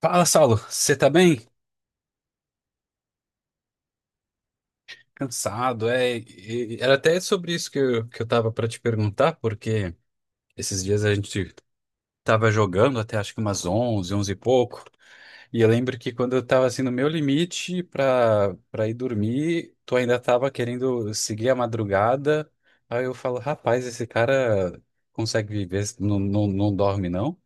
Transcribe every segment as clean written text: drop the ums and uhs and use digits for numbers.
Fala, Saulo, você tá bem? Cansado, é. Era até sobre isso que eu tava pra te perguntar, porque esses dias a gente tava jogando até acho que umas onze e pouco, e eu lembro que quando eu tava assim no meu limite pra ir dormir, tu ainda tava querendo seguir a madrugada, aí eu falo, rapaz, esse cara consegue viver, não dorme não?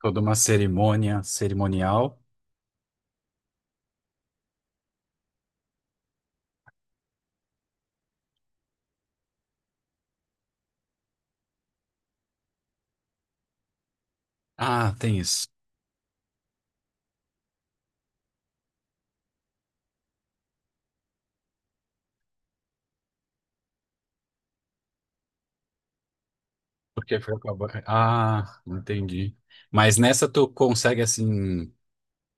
Toda uma cerimônia cerimonial. Ah, tem isso. Porque foi acabar. Ah, entendi. Mas nessa tu consegue assim,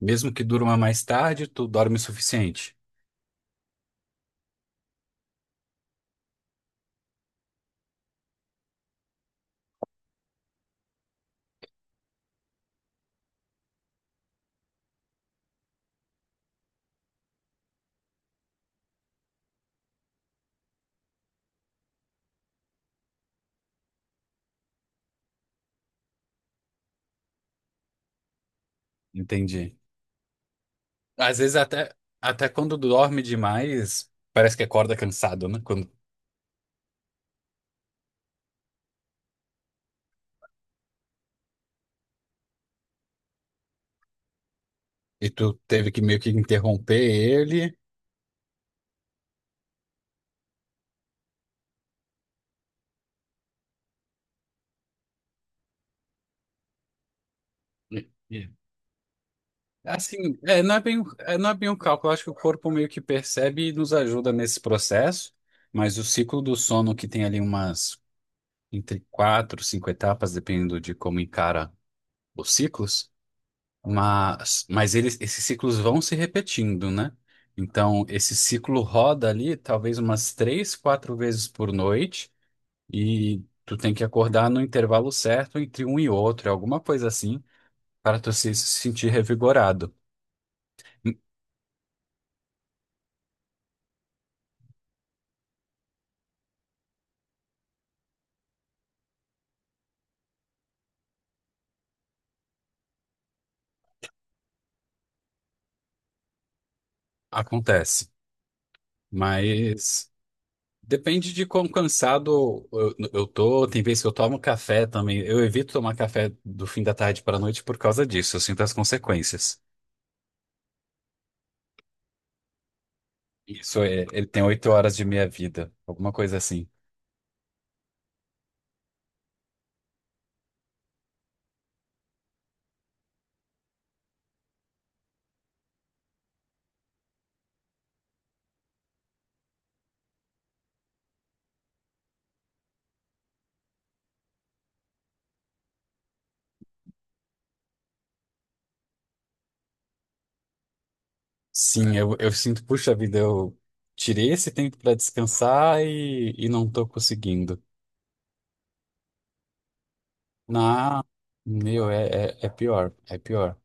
mesmo que durma mais tarde, tu dorme o suficiente. Entendi. Às vezes até, até quando dorme demais, parece que acorda cansado, né? Quando, e tu teve que meio que interromper ele. E- e- Assim, não é bem um cálculo. Eu acho que o corpo meio que percebe e nos ajuda nesse processo, mas o ciclo do sono que tem ali umas entre quatro, cinco etapas, dependendo de como encara os ciclos. Mas eles, esses ciclos vão se repetindo, né? Então, esse ciclo roda ali talvez umas três, quatro vezes por noite e tu tem que acordar no intervalo certo entre um e outro, alguma coisa assim, para tu se sentir revigorado. Hum, Acontece, mas depende de quão cansado eu tô. Tem vezes que eu tomo café também. Eu evito tomar café do fim da tarde para a noite por causa disso. Eu sinto as consequências. Isso, ele tem oito horas de minha vida, alguma coisa assim. Sim, eu sinto, puxa vida, eu tirei esse tempo para descansar e não tô conseguindo. Não, meu, é pior, é pior.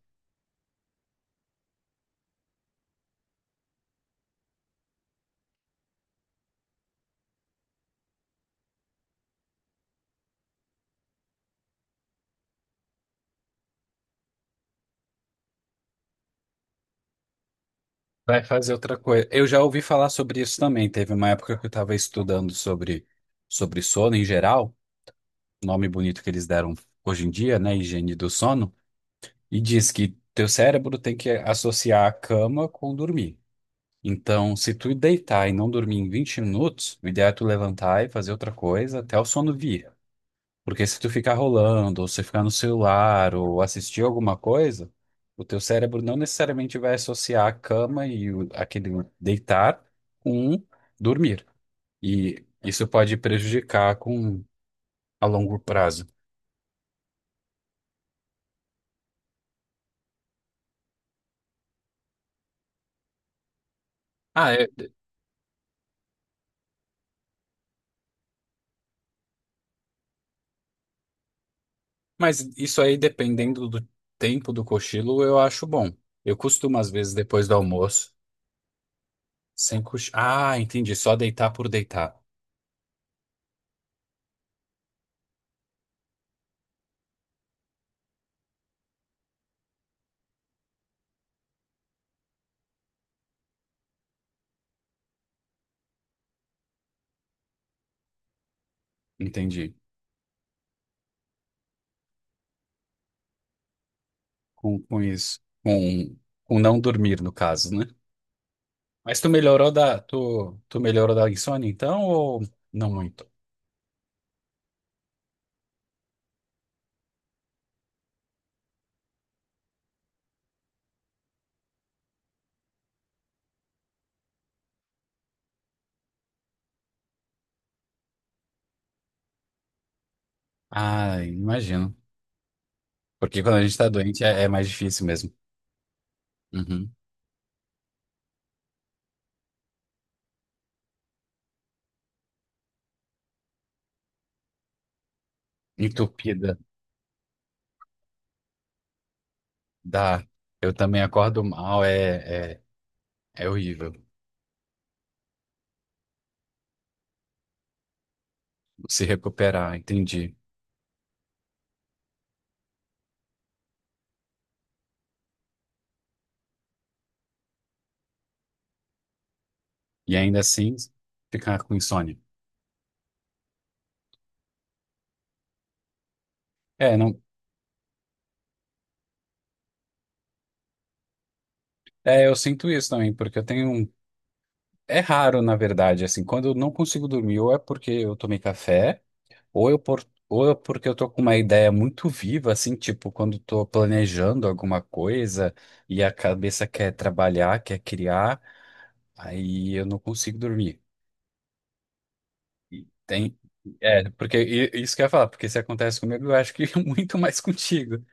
Vai fazer outra coisa. Eu já ouvi falar sobre isso também. Teve uma época que eu estava estudando sobre sono em geral, nome bonito que eles deram hoje em dia, né? Higiene do sono, e diz que teu cérebro tem que associar a cama com dormir. Então, se tu deitar e não dormir em 20 minutos, o ideal é tu levantar e fazer outra coisa até o sono vir. Porque se tu ficar rolando, ou se ficar no celular, ou assistir alguma coisa, o teu cérebro não necessariamente vai associar a cama aquele deitar com dormir. E isso pode prejudicar com a longo prazo. Ah, é, mas isso aí, dependendo do tempo do cochilo, eu acho bom. Eu costumo, às vezes, depois do almoço. Sem cochar. Ah, entendi. Só deitar por deitar. Entendi. Com isso. Com não dormir, no caso, né? Mas tu melhorou da, tu melhorou da insônia, então, ou não muito? Ah, imagino. Porque quando a gente tá doente é mais difícil mesmo. Uhum. Entupida. Dá. Eu também acordo mal, é horrível. Se recuperar, entendi. E ainda assim, ficar com insônia. É, não. É, eu sinto isso também, porque eu tenho um É raro, na verdade, assim, quando eu não consigo dormir, ou é porque eu tomei café, ou eu por, ou é porque eu tô com uma ideia muito viva, assim, tipo, quando tô planejando alguma coisa e a cabeça quer trabalhar, quer criar, aí eu não consigo dormir. Tem, é, porque isso que eu ia falar, porque se acontece comigo, eu acho que muito mais contigo.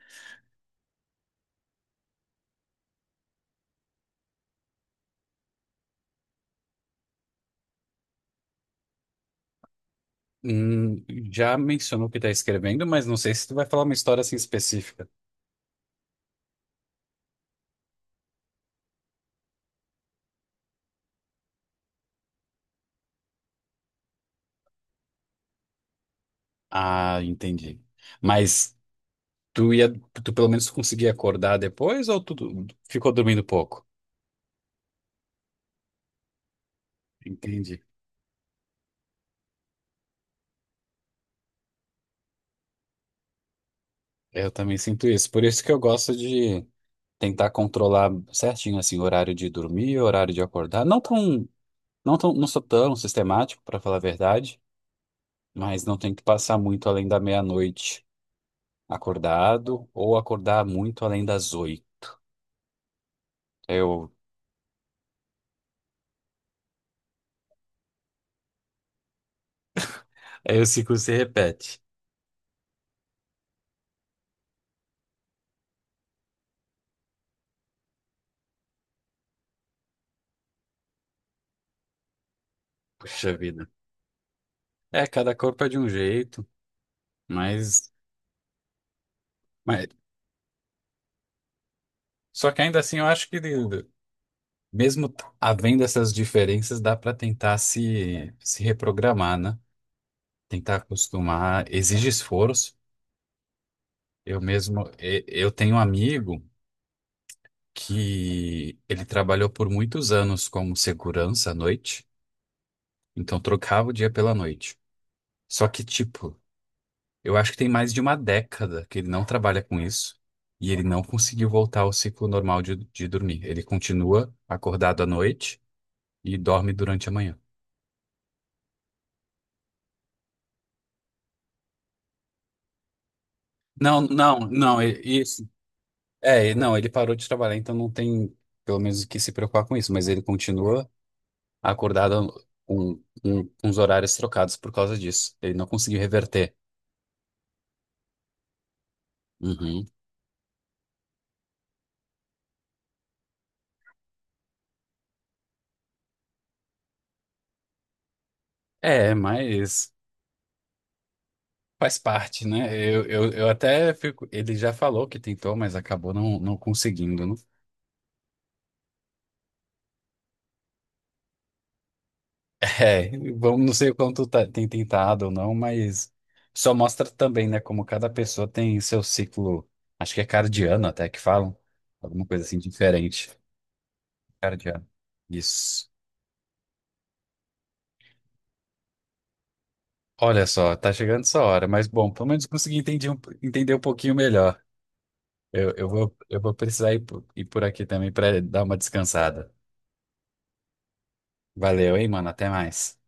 Hum, já mencionou que tá escrevendo, mas não sei se tu vai falar uma história assim específica. Ah, entendi. Mas Tu ia, tu pelo menos conseguia acordar depois ou tu ficou dormindo pouco? Entendi. Eu também sinto isso. Por isso que eu gosto de tentar controlar certinho assim o horário de dormir, o horário de acordar. Não sou tão sistemático, para falar a verdade, mas não tem que passar muito além da meia-noite acordado ou acordar muito além das oito. Eu, aí o ciclo se repete. Puxa vida. É, cada corpo é de um jeito, mas, mas só que ainda assim eu acho que Mesmo havendo essas diferenças, dá para tentar se reprogramar, né? Tentar acostumar, exige esforço. Eu mesmo, eu tenho um amigo que ele trabalhou por muitos anos como segurança à noite, então trocava o dia pela noite. Só que, tipo, eu acho que tem mais de uma década que ele não trabalha com isso e ele não conseguiu voltar ao ciclo normal de dormir. Ele continua acordado à noite e dorme durante a manhã. Não, não, não, e- isso. É, não, ele parou de trabalhar, então não tem, pelo menos, o que se preocupar com isso, mas ele continua acordado com os horários trocados por causa disso. Ele não conseguiu reverter. Uhum. É, mas faz parte, né? Eu até fico. Ele já falou que tentou, mas acabou não conseguindo, né? É, vamos, não sei o quanto tem tentado ou não, mas só mostra também, né, como cada pessoa tem seu ciclo, acho que é cardiano até que falam, alguma coisa assim diferente. Cara de ano. Isso. Olha só, tá chegando essa hora, mas bom, pelo menos consegui entender entender um pouquinho melhor. Eu vou precisar ir ir por aqui também para dar uma descansada. Valeu, hein, mano? Até mais.